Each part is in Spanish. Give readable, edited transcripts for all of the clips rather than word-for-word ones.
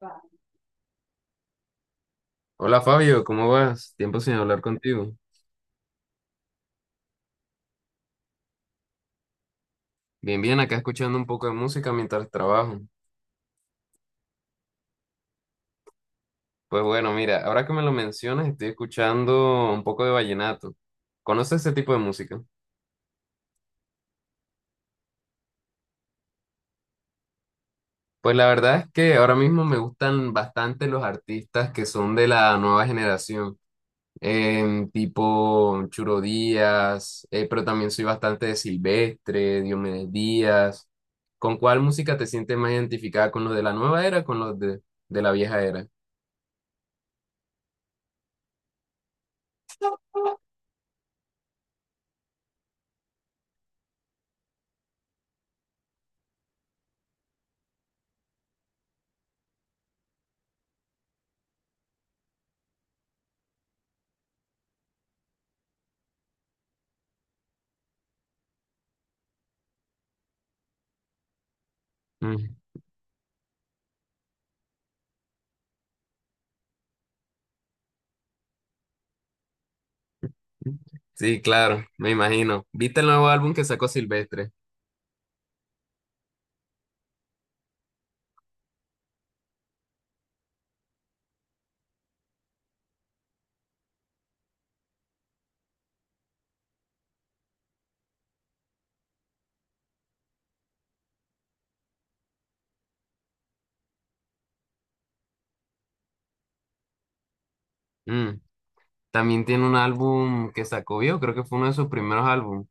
Va. Hola Fabio, ¿cómo vas? Tiempo sin hablar contigo. Bien, bien, acá escuchando un poco de música mientras trabajo. Pues bueno, mira, ahora que me lo mencionas, estoy escuchando un poco de vallenato. ¿Conoces ese tipo de música? Pues la verdad es que ahora mismo me gustan bastante los artistas que son de la nueva generación, tipo Churo Díaz, pero también soy bastante de Silvestre, Diomedes Díaz. ¿Con cuál música te sientes más identificada? ¿Con los de la nueva era o con los de la vieja era? Mm. Sí, claro, me imagino. ¿Viste el nuevo álbum que sacó Silvestre? Mm. También tiene un álbum que sacó, yo creo que fue uno de sus primeros álbumes,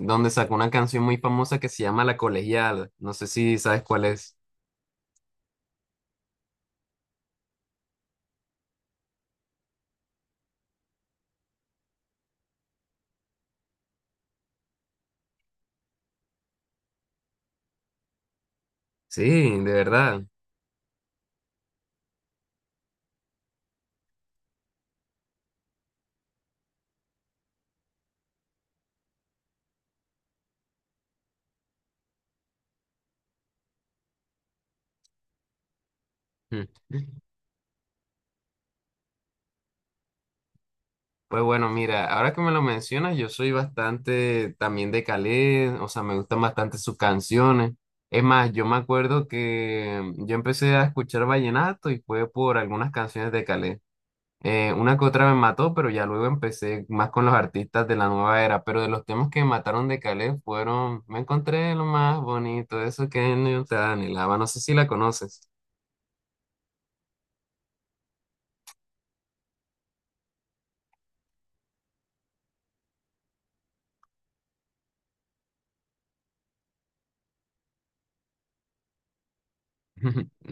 donde sacó una canción muy famosa que se llama La Colegiala. No sé si sabes cuál es. Sí, de verdad. Mm. Pues bueno, mira, ahora que me lo mencionas, yo soy bastante también de Calé, o sea, me gustan bastante sus canciones. Es más, yo me acuerdo que yo empecé a escuchar vallenato y fue por algunas canciones de Calé. Una que otra me mató, pero ya luego empecé más con los artistas de la nueva era. Pero de los temas que me mataron de Calé fueron, me encontré lo más bonito, eso que no te anhelaba. No sé si la conoces.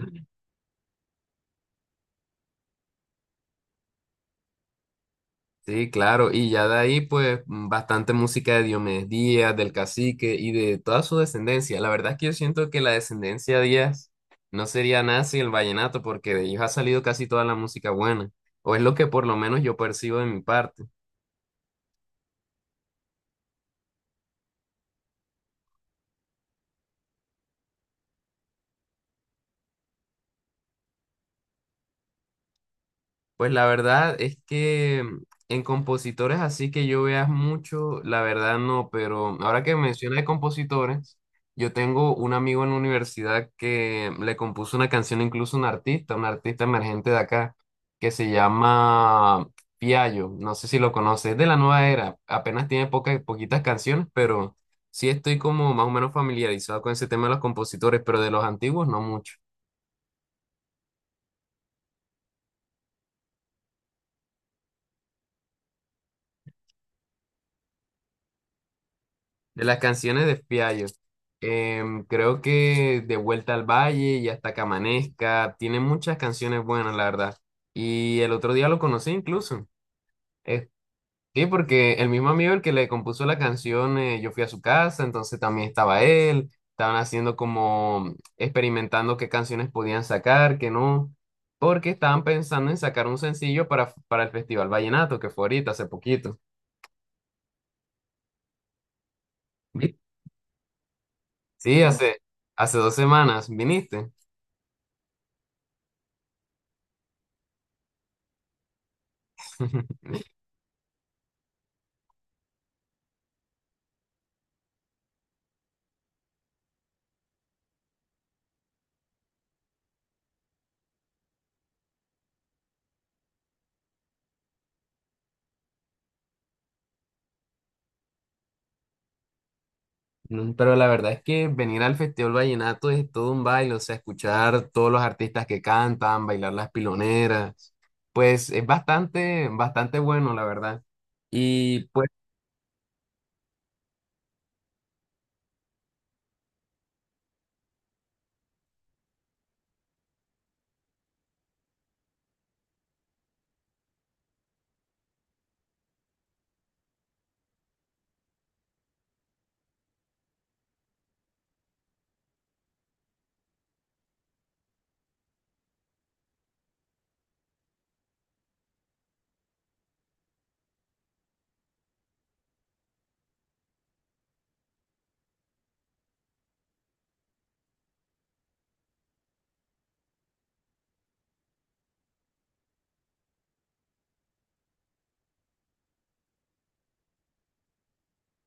Sí, claro. Y ya de ahí, pues, mm, bastante música de Diomedes Díaz, del cacique y de toda su descendencia. La verdad es que yo siento que la descendencia Díaz no sería nada sin el vallenato, porque de ellos ha salido casi toda la música buena. O es lo que por lo menos yo percibo de mi parte. Pues la verdad es que en compositores así que yo veas mucho, la verdad no, pero ahora que menciona de compositores, yo tengo un amigo en la universidad que le compuso una canción incluso a un artista emergente de acá, que se llama Piallo, no sé si lo conoces, es de la nueva era, apenas tiene pocas, poquitas canciones, pero sí estoy como más o menos familiarizado con ese tema de los compositores, pero de los antiguos no mucho. De las canciones de Fiallo, creo que De Vuelta al Valle y Hasta que amanezca, tiene muchas canciones buenas, la verdad. Y el otro día lo conocí incluso. Eh, sí, porque el mismo amigo el que le compuso la canción, yo fui a su casa, entonces también estaba él. Estaban haciendo como experimentando qué canciones podían sacar, qué no, porque estaban pensando en sacar un sencillo para el Festival Vallenato, que fue ahorita, hace poquito. Vi- Sí. Mm. Hace, hace 2 semanas viniste. Mm. Pero la verdad es que venir al Festival Vallenato es todo un baile, o sea, escuchar todos los artistas que cantan, bailar las piloneras, pues es bastante, bastante bueno, la verdad. Y pues,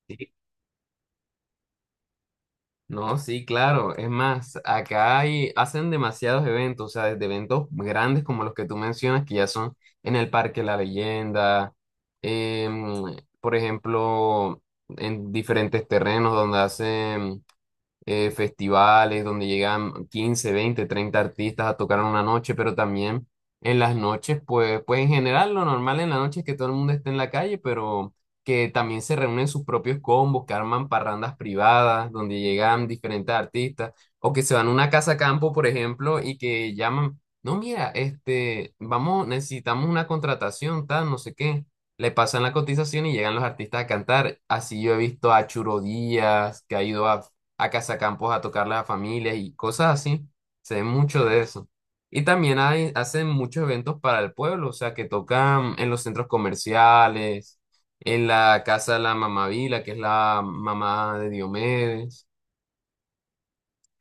sí, no, sí, claro, es más, acá hay, hacen demasiados eventos, o sea, desde eventos grandes como los que tú mencionas, que ya son en el Parque La Leyenda, em, por ejemplo, en diferentes terrenos donde hacen festivales donde llegan 15, 20, 30 artistas a tocar en una noche, pero también en las noches, pues, pues en general lo normal en la noche es que todo el mundo esté en la calle, pero que también se reúnen sus propios combos, que arman parrandas privadas donde llegan diferentes artistas, o que se van a una casa campo, por ejemplo, y que llaman, no, mira, este, vamos, necesitamos una contratación, tal, no sé qué. Le pasan la cotización y llegan los artistas a cantar. Así yo he visto a Churo Díaz, que ha ido a campos a tocarle a familias y cosas así. Se ve mucho de eso. Y también hay, hacen muchos eventos para el pueblo, o sea, que tocan en los centros comerciales, en la casa de la mamá Vila, que es la mamá de Diomedes.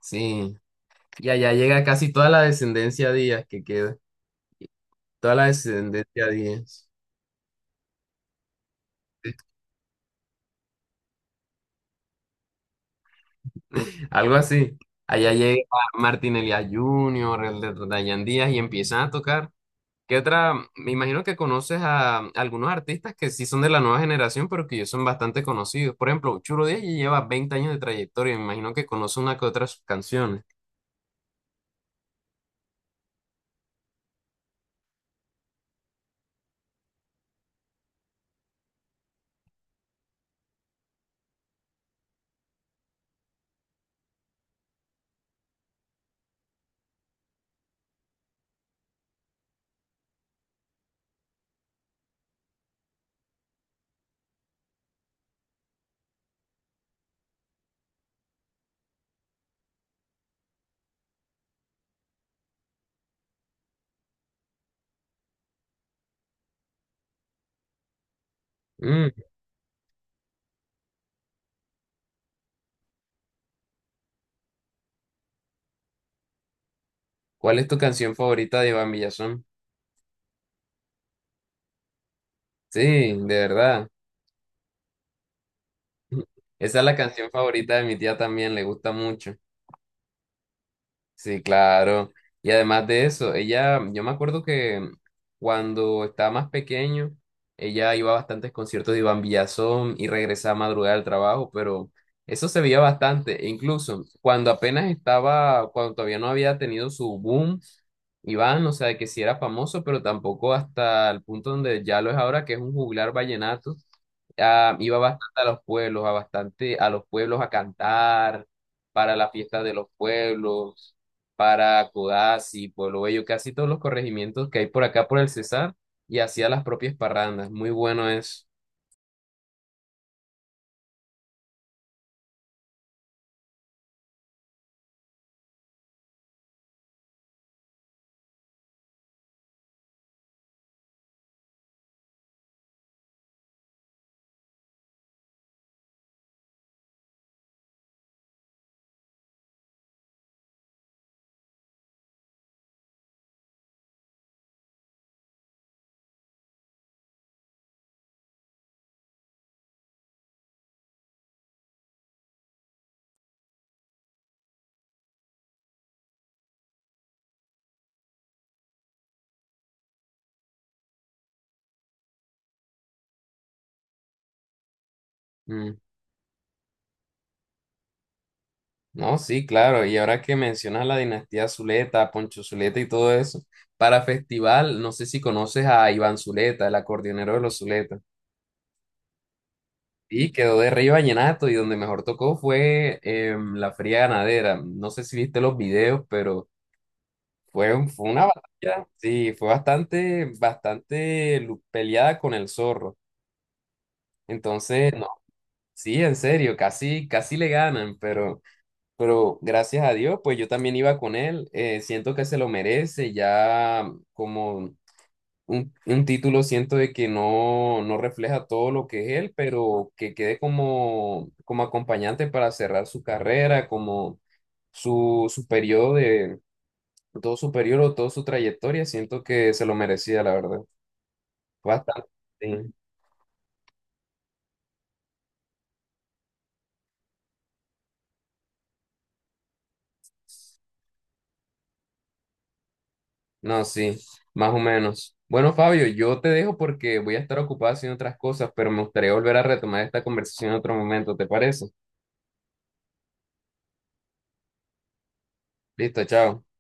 Sí. Y allá llega casi toda la descendencia Díaz que queda, toda la descendencia Díaz. Algo así. Allá llega Martín Elías Jr., el de Dayan Díaz, y empiezan a tocar. ¿Qué otra? Me imagino que conoces a algunos artistas que sí son de la nueva generación, pero que ya son bastante conocidos. Por ejemplo, Churo Díaz ya lleva 20 años de trayectoria. Me imagino que conoce una que otra de sus canciones. Mm. ¿Cuál es tu canción favorita de Iván Villazón? Sí, de verdad. Esa es la canción favorita de mi tía también, le gusta mucho. Sí, claro. Y además de eso, ella, yo me acuerdo que cuando estaba más pequeño, ella iba a bastantes conciertos de Iván Villazón y regresaba a madrugada al trabajo, pero eso se veía bastante. E incluso cuando apenas estaba, cuando todavía no había tenido su boom, Iván, o sea, que sí era famoso, pero tampoco hasta el punto donde ya lo es ahora, que es un juglar vallenato, iba bastante a los pueblos, a bastante a los pueblos a cantar para la fiesta de los pueblos, para Codazzi, Pueblo Bello, casi todos los corregimientos que hay por acá por el Cesar, y hacía las propias parrandas. Muy bueno eso. Mm. No, sí, claro. Y ahora que mencionas la dinastía Zuleta, Poncho Zuleta y todo eso, para festival, no sé si conoces a Iván Zuleta, el acordeonero de los Zuleta. Y quedó de rey vallenato, y donde mejor tocó fue la Feria Ganadera. No sé si viste los videos, pero fue, fue una batalla. Sí, fue bastante, peleada con el zorro. Entonces, no, sí, en serio, casi, casi le ganan, pero gracias a Dios, pues yo también iba con él, siento que se lo merece, ya como un título, siento de que no, no refleja todo lo que es él, pero que quede como, como acompañante para cerrar su carrera, como su periodo de, todo su periodo, toda su trayectoria, siento que se lo merecía, la verdad. Bastante. No, sí, más o menos. Bueno, Fabio, yo te dejo porque voy a estar ocupado haciendo otras cosas, pero me gustaría volver a retomar esta conversación en otro momento, ¿te parece? Listo, chao.